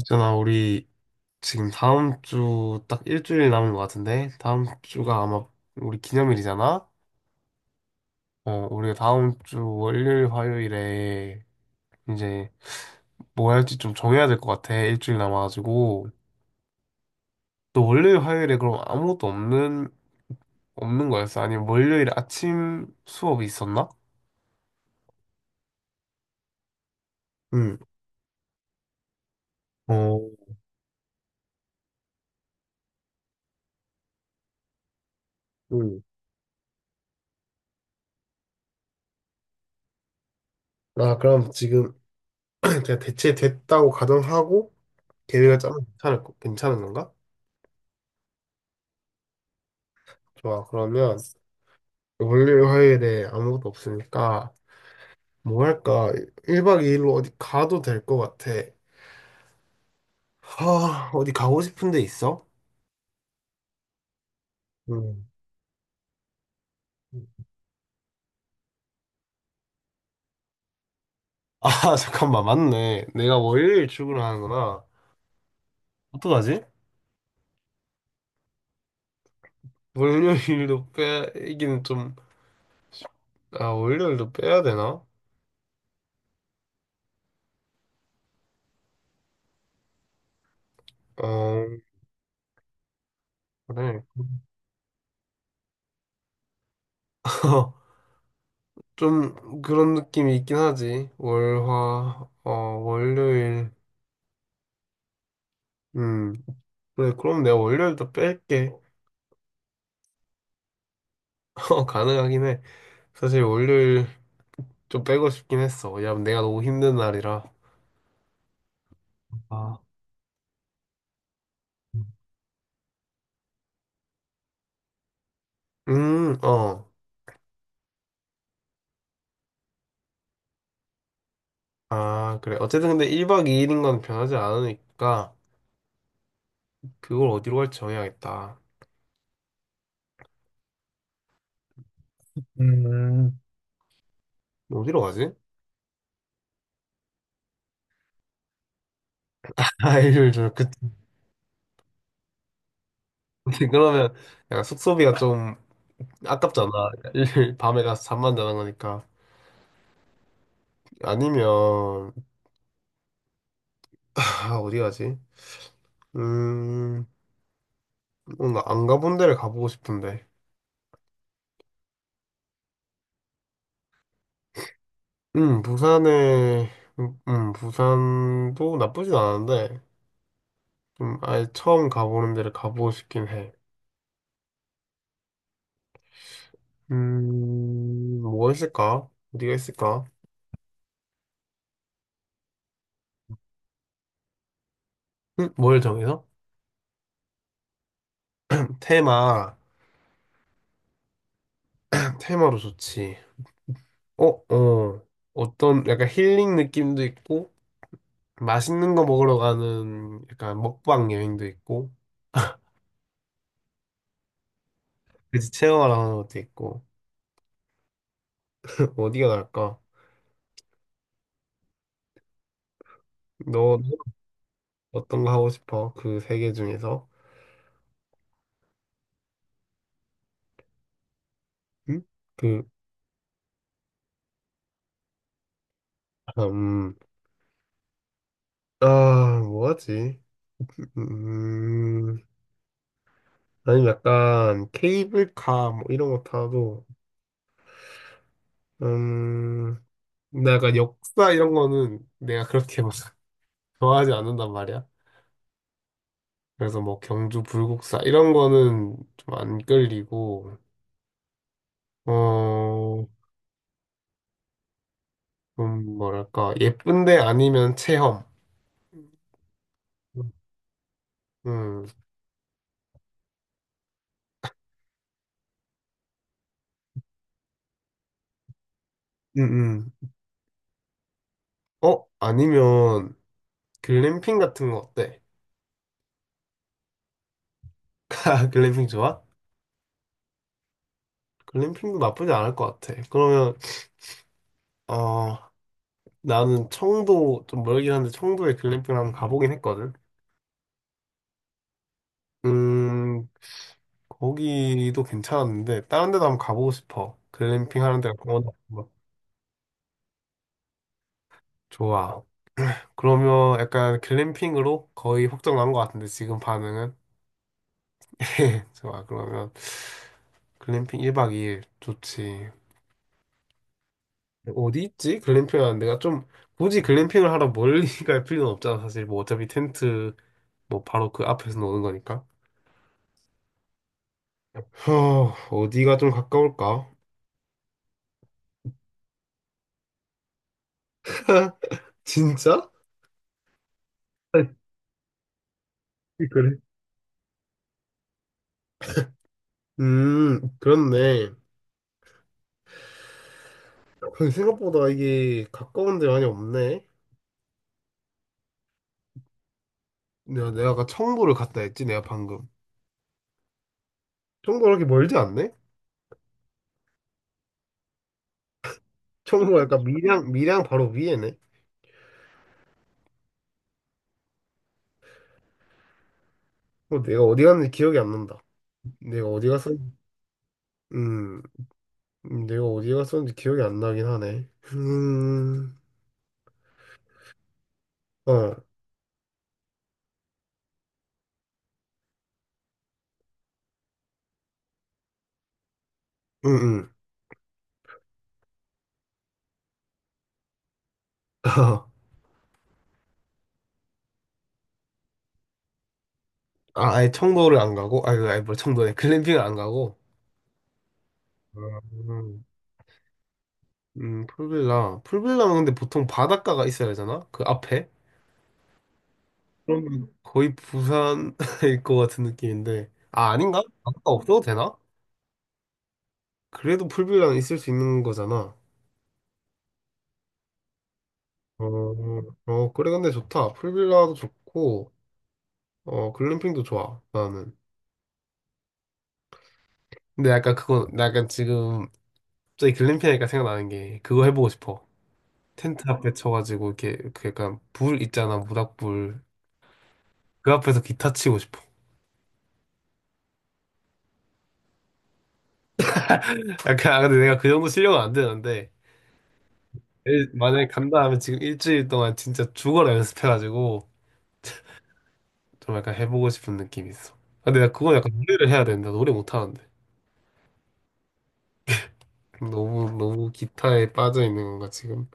있잖아, 우리 지금 다음 주 딱 일주일 남은 것 같은데, 다음 주가 아마 우리 기념일이잖아? 어, 우리가 다음 주 월요일, 화요일에 이제 뭐 할지 좀 정해야 될 것 같아, 일주일 남아가지고. 또 월요일, 화요일에 그럼 없는 거였어? 아니면 월요일 아침 수업이 있었나? 응. 어, 응. 나 그럼 지금 제가 대체 됐다고 가정하고 계획을 짜면 괜찮을, 거- 괜찮은 건가? 좋아, 그러면. 월요일, 화요일에 아무것도 없으니까 뭐 할까? 1박 2일로 어디 가도 될 것 같아. 하, 어디 가고 싶은 데 있어? 음. 아, 잠깐만, 맞네. 내가 월요일 출근을 하는구나. 어떡하지? 월요일도 빼기는 좀, 아, 월요일도 빼야 되나? 어, 그래. 좀 그런 느낌이 있긴 하지. 월요일. 음. 그래, 그럼 내가 월요일도 뺄게. 가능하긴 해. 사실 월요일 좀 빼고 싶긴 했어. 왜냐면 내가 너무 힘든 날이라. 아, 어. 아, 그래. 어쨌든 근데 1박 2일인 건 변하지 않으니까 그걸 어디로 갈지 정해야겠다. 음, 어디로 가지? 아, 일요일 저녁. 그, 그러면 약간 숙소비가 좀 아깝잖아. 일요일 밤에 가서 잠만 자는 거니까. 아니면, 아, 어디 가지? 음, 뭔가 안 가본 데를 가보고 싶은데. 부산에, 음, 부산도 나쁘진 않은데. 좀 아예 처음 가보는 데를 가보고 싶긴 해. 뭐가 있을까? 어디가 있을까? 뭘 정해서? 테마, 테마로 좋지. 어, 어, 어떤 약간 힐링 느낌도 있고, 맛있는 거 먹으러 가는 약간 먹방 여행도 있고, 그지 체험하러 가는 것도 있고. 어디가 나을까? 너 어떤 거 하고 싶어? 그 세 개 중에서? 응? 그, 아, 음, 뭐하지? 음, 아니면 약간 케이블카 뭐 이런 거 타도 음 근데 약간 역사 이런 거는 내가 그렇게 막 좋아하지 않는단 말이야. 그래서 뭐 경주 불국사 이런 거는 좀 안 끌리고 어좀 뭐랄까 예쁜데 아니면 체험. 음, 음, 음. 어 아니면 글램핑 같은 거 어때? 글램핑 좋아? 글램핑도 나쁘지 않을 것 같아. 그러면 어 나는 청도 좀 멀긴 한데 청도에 글램핑을 한번 가보긴 했거든. 음, 거기도 괜찮았는데 다른 데도 한번 가보고 싶어. 글램핑 하는 데가 강원도 같은 거. 좋아. 그러면 약간 글램핑으로 거의 확정 난것 같은데 지금 반응은? 좋아. 그러면 글램핑 1박 2일 좋지. 어디 있지? 글램핑 하는 데가 좀 굳이 글램핑을 하러 멀리 갈 필요는 없잖아. 사실 뭐 어차피 텐트 뭐 바로 그 앞에서 노는 거니까. 어, 어디가 좀 가까울까? 진짜? 아니, 그래. 그렇네. 근데 생각보다 이게 가까운 데 많이 없네. 내가 아까 청보를 갔다 했지, 내가 방금. 청보 그렇게 멀지 않네? 청보가 약간 밀양 바로 위에네. 어, 내가 어디 갔는지 기억이 안 난다. 내가 어디 갔었는지, 음, 내가 어디 갔었는지 기억이 안 나긴 하네. 어, 응, 응. 아, 아예 청도를 안 가고? 아, 아니, 뭐 청도네 글램핑을 안 가고? 음. 풀빌라. 풀빌라면 근데 보통 바닷가가 있어야 되잖아? 그 앞에? 그러면 거의 부산일 것 같은 느낌인데. 아, 아닌가? 바닷가 없어도 되나? 그래도 풀빌라는 있을 수 있는 거잖아. 어, 그래, 근데 좋다. 풀빌라도 좋고, 어, 글램핑도 좋아, 나는. 근데 약간 그거, 나 약간 지금, 갑자기 글램핑 하니까 생각나는 게, 그거 해보고 싶어. 텐트 앞에 쳐가지고, 이렇게, 그 약간, 불 있잖아, 모닥불. 그 앞에서 기타 치고 싶어. 약간, 아, 근데 내가 그 정도 실력은 안 되는데, 만약에 간다 하면 지금 일주일 동안 진짜 죽어라 연습해가지고 좀 약간 해보고 싶은 느낌이 있어. 근데 나 그건 약간 노래를 해야 된다. 노래 못하는데. 너무 기타에 빠져있는 건가, 지금?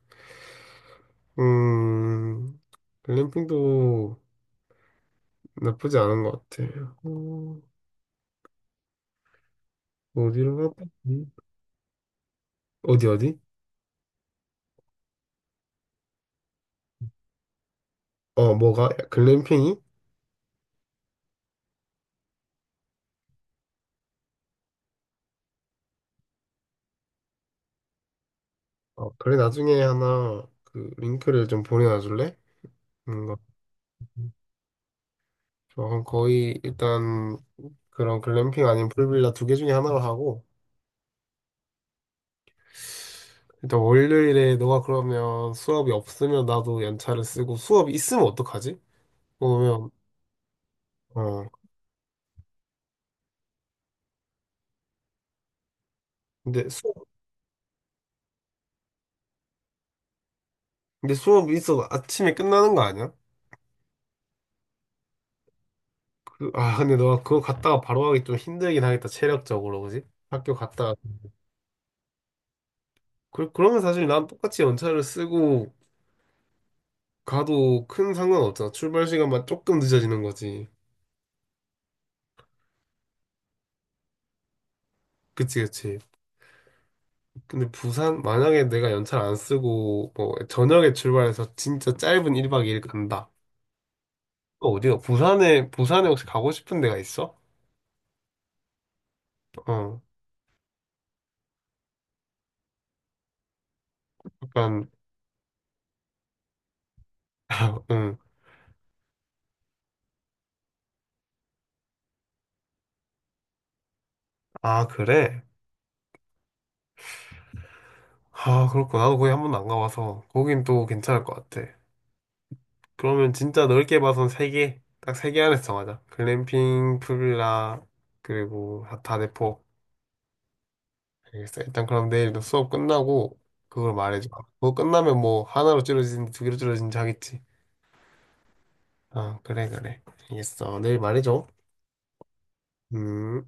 음, 글램핑도 나쁘지 않은 것 같아. 어, 어디로 갈까? 어디? 어, 뭐가? 글램핑이? 어, 그래, 나중에 하나 그 링크를 좀 보내놔줄래? 뭔가. 그럼 거의 일단 그런 글램핑 아니면 풀빌라 두 개 중에 하나로 하고 일단 월요일에 너가 그러면 수업이 없으면 나도 연차를 쓰고 수업이 있으면 어떡하지? 그러면 어 근데 수업 근데 수업이 있어도 아침에 끝나는 거 아니야? 그, 아 근데 너가 그거 갔다가 바로 하기 좀 힘들긴 하겠다 체력적으로 그지? 학교 갔다가 그러면 사실 난 똑같이 연차를 쓰고 가도 큰 상관 없잖아 출발 시간만 조금 늦어지는 거지 그치 근데 부산 만약에 내가 연차를 안 쓰고 뭐 저녁에 출발해서 진짜 짧은 1박 2일 간다 어, 어디요 부산에 혹시 가고 싶은 데가 있어? 어, 약간, 응. 아, 그래? 아, 그렇구나. 나도 거기 한 번도 안 가봐서. 거긴 또 괜찮을 것 같아. 그러면 진짜 넓게 봐선 세 개. 딱 세 개 안에서 정하자. 글램핑, 풀빌라, 그리고 다대포. 알겠어. 일단 그럼 내일도 수업 끝나고, 그걸 말해줘. 그거 끝나면 뭐, 하나로 줄어지는지 두 개로 줄어지는지 하겠지. 그래. 알겠어. 내일 말해줘. 음.